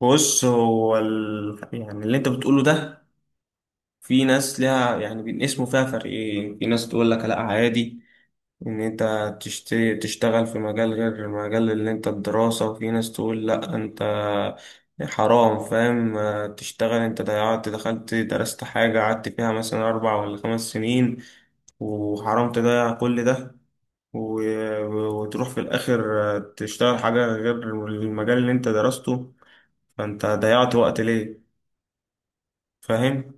بص هو ال... يعني اللي انت بتقوله ده، في ناس ليها يعني بينقسموا فيها فريقين. في ناس تقول لك لا عادي ان انت تشت... تشتغل في مجال غير مجال اللي انت الدراسة، وفي ناس تقول لا انت حرام. فاهم آه، تشتغل انت ضيعت دخلت درست حاجة قعدت فيها مثلا اربع ولا خمس سنين وحرام تضيع كل ده، وتروح في الآخر تشتغل حاجة غير المجال اللي انت درسته، فانت ضيعت وقت ليه؟ فاهم.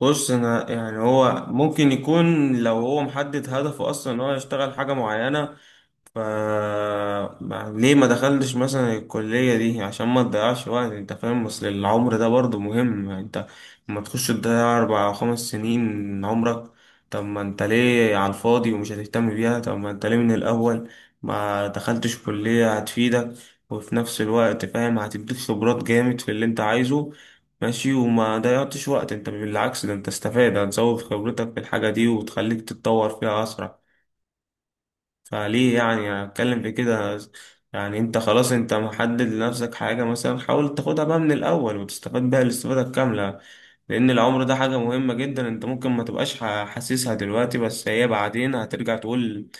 بص انا يعني هو ممكن يكون لو هو محدد هدفه اصلا ان هو يشتغل حاجه معينه، ف ما- ليه ما دخلتش مثلا الكلية دي عشان ما تضيعش وقت؟ انت فاهم، اصل العمر ده برضه مهم. انت لما تخش تضيع اربع او خمس سنين من عمرك، طب ما انت ليه على الفاضي ومش هتهتم بيها؟ طب ما انت ليه من الاول ما دخلتش كلية هتفيدك وفي نفس الوقت فاهم هتديك خبرات جامد في اللي انت عايزه؟ ماشي وما ضيعتش وقت، انت بالعكس ده انت استفاد هتزود خبرتك في الحاجة دي وتخليك تتطور فيها اسرع. فليه يعني أنا اتكلم في كده، يعني انت خلاص انت محدد لنفسك حاجة، مثلا حاول تاخدها بقى من الأول وتستفاد بيها الاستفادة الكاملة. لأن العمر ده حاجة مهمة جدا، انت ممكن ما تبقاش حاسسها دلوقتي بس هي بعدين هترجع تقول.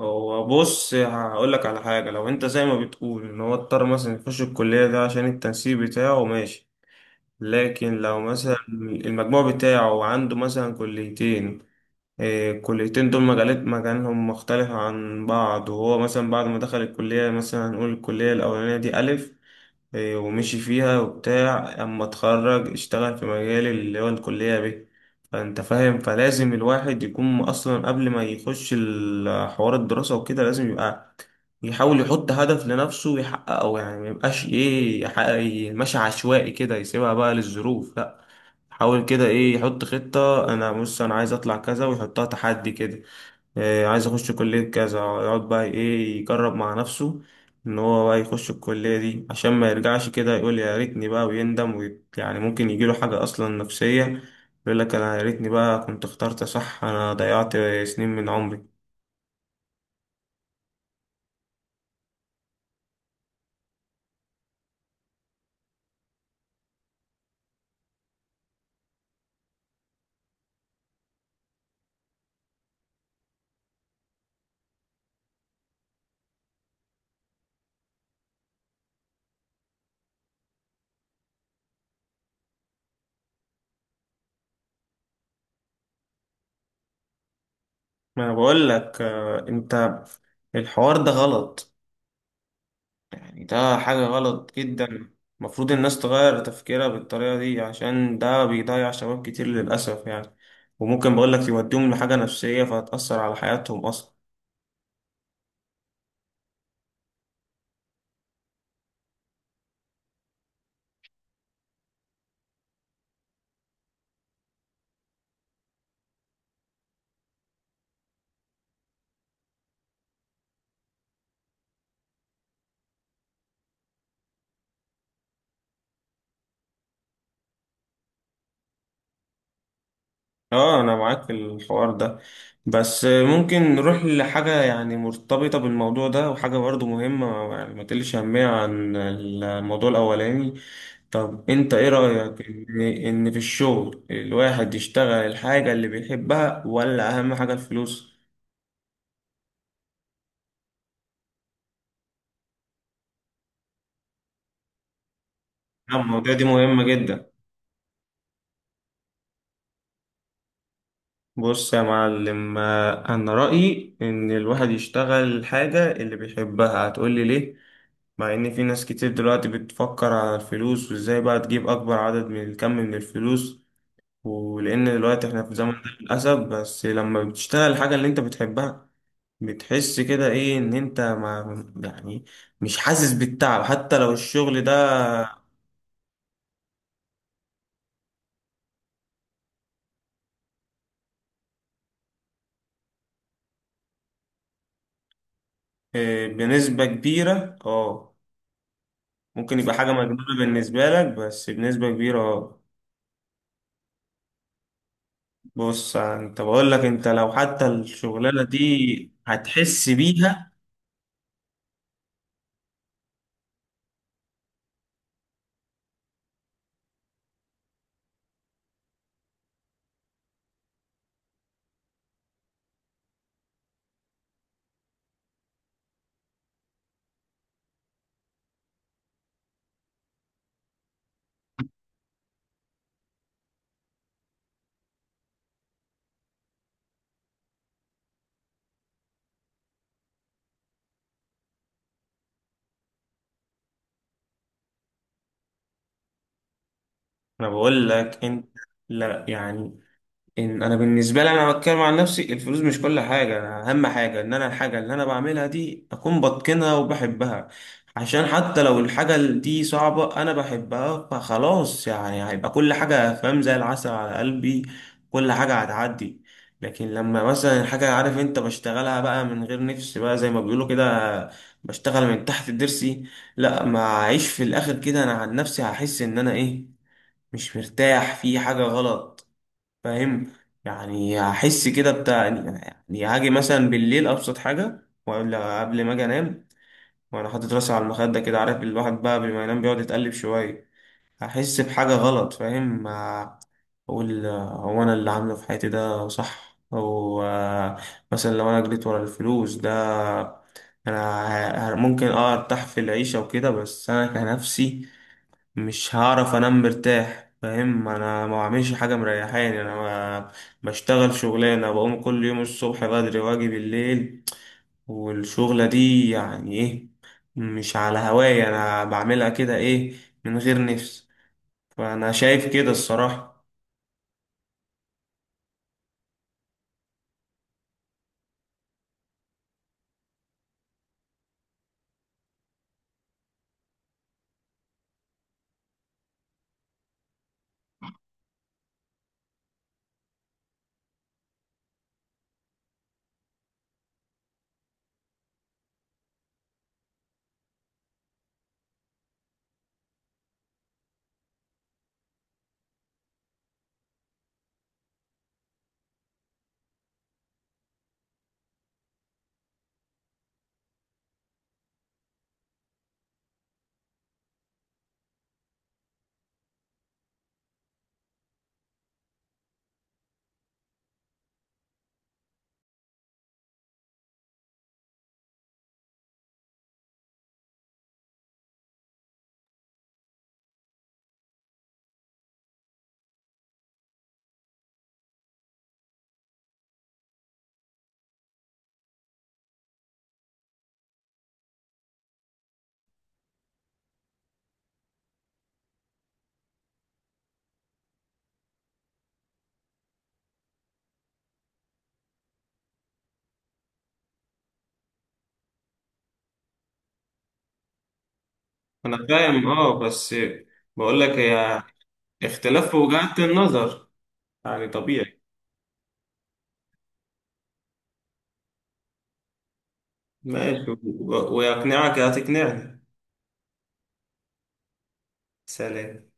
هو بص هقولك على حاجة، لو انت زي ما بتقول ان هو اضطر مثلا يخش الكلية ده عشان التنسيق بتاعه، ماشي. لكن لو مثلا المجموع بتاعه عنده مثلا كليتين، الكليتين دول مجالات مجالهم مختلف عن بعض، وهو مثلا بعد ما دخل الكلية مثلا هنقول الكلية الأولانية دي ألف إيه، ومشي فيها وبتاع، أما اتخرج اشتغل في مجال اللي هو الكلية ب، فأنت فاهم. فلازم الواحد يكون أصلا قبل ما يخش حوار الدراسة وكده لازم يبقى يحاول يحط هدف لنفسه ويحققه. يعني ميبقاش إيه ماشي عشوائي كده يسيبها بقى للظروف، لأ، حاول كده ايه يحط خطة. انا بص انا عايز اطلع كذا ويحطها تحدي كده إيه، عايز اخش كلية كذا يقعد بقى ايه يجرب مع نفسه ان هو بقى يخش الكلية دي، عشان ما يرجعش كده يقول يا ريتني بقى ويندم يعني ممكن يجيله حاجة اصلا نفسية يقول لك انا يا ريتني بقى كنت اخترت صح، انا ضيعت سنين من عمري. ما انا بقول لك آه، انت الحوار ده غلط، يعني ده حاجة غلط جدا. المفروض الناس تغير تفكيرها بالطريقة دي، عشان ده بيضيع شباب كتير للأسف يعني. وممكن بقولك يوديهم لحاجة نفسية فهتأثر على حياتهم أصلا. اه، أنا معاك في الحوار ده، بس ممكن نروح لحاجة يعني مرتبطة بالموضوع ده وحاجة برضه مهمة يعني ما تقلش أهمية عن الموضوع الأولاني. طب أنت إيه رأيك إن في الشغل الواحد يشتغل الحاجة اللي بيحبها ولا أهم حاجة الفلوس؟ لا، المواضيع دي مهمة جدا. بص يا معلم آه، أنا رأيي إن الواحد يشتغل الحاجة اللي بيحبها. هتقولي ليه؟ مع إن في ناس كتير دلوقتي بتفكر على الفلوس وإزاي بقى تجيب أكبر عدد من الكم من الفلوس، ولأن دلوقتي إحنا في زمن ده للأسف. بس لما بتشتغل الحاجة اللي أنت بتحبها بتحس كده إيه إن أنت ما يعني مش حاسس بالتعب حتى لو الشغل ده. آه، بنسبة كبيرة أه، ممكن يبقى حاجة مجنونة بالنسبة لك بس بنسبة كبيرة اه. بص انت بقول لك انت لو حتى الشغلانه دي هتحس بيها. انا بقول لك انت لا يعني إن أنا بالنسبة لي أنا بتكلم عن نفسي، الفلوس مش كل حاجة. أنا أهم حاجة إن أنا الحاجة اللي أنا بعملها دي أكون بتقنها وبحبها، عشان حتى لو الحاجة دي صعبة أنا بحبها فخلاص يعني هيبقى كل حاجة فاهم زي العسل على قلبي، كل حاجة هتعدي. لكن لما مثلا الحاجة عارف أنت بشتغلها بقى من غير نفس بقى زي ما بيقولوا كده، بشتغل من تحت الضرس، لا ما أعيش في الآخر كده. أنا عن نفسي هحس إن أنا إيه مش مرتاح في حاجة غلط، فاهم؟ يعني هحس كده بتاع يعني هاجي مثلا بالليل ابسط حاجه ولا قبل ما اجي انام وانا حاطط راسي على المخده كده، عارف الواحد بقى قبل ما ينام بيقعد يتقلب شويه، هحس بحاجه غلط فاهم. اقول آه، هو انا اللي عامله في حياتي ده صح او آه، مثلا لو انا جريت ورا الفلوس ده انا، ممكن اه ارتاح في العيشه وكده بس انا كنفسي مش هعرف انام مرتاح، فاهم؟ انا ما بعملش حاجه مريحاني انا، ما بشتغل شغلانه بقوم كل يوم الصبح بدري واجي بالليل، والشغله دي يعني ايه مش على هواية انا بعملها كده ايه من غير نفس. فانا شايف كده الصراحه. انا فاهم اه، بس بقول لك هي اختلاف في وجهات النظر يعني طبيعي. ماشي، ويقنعك هتقنعني. سلام.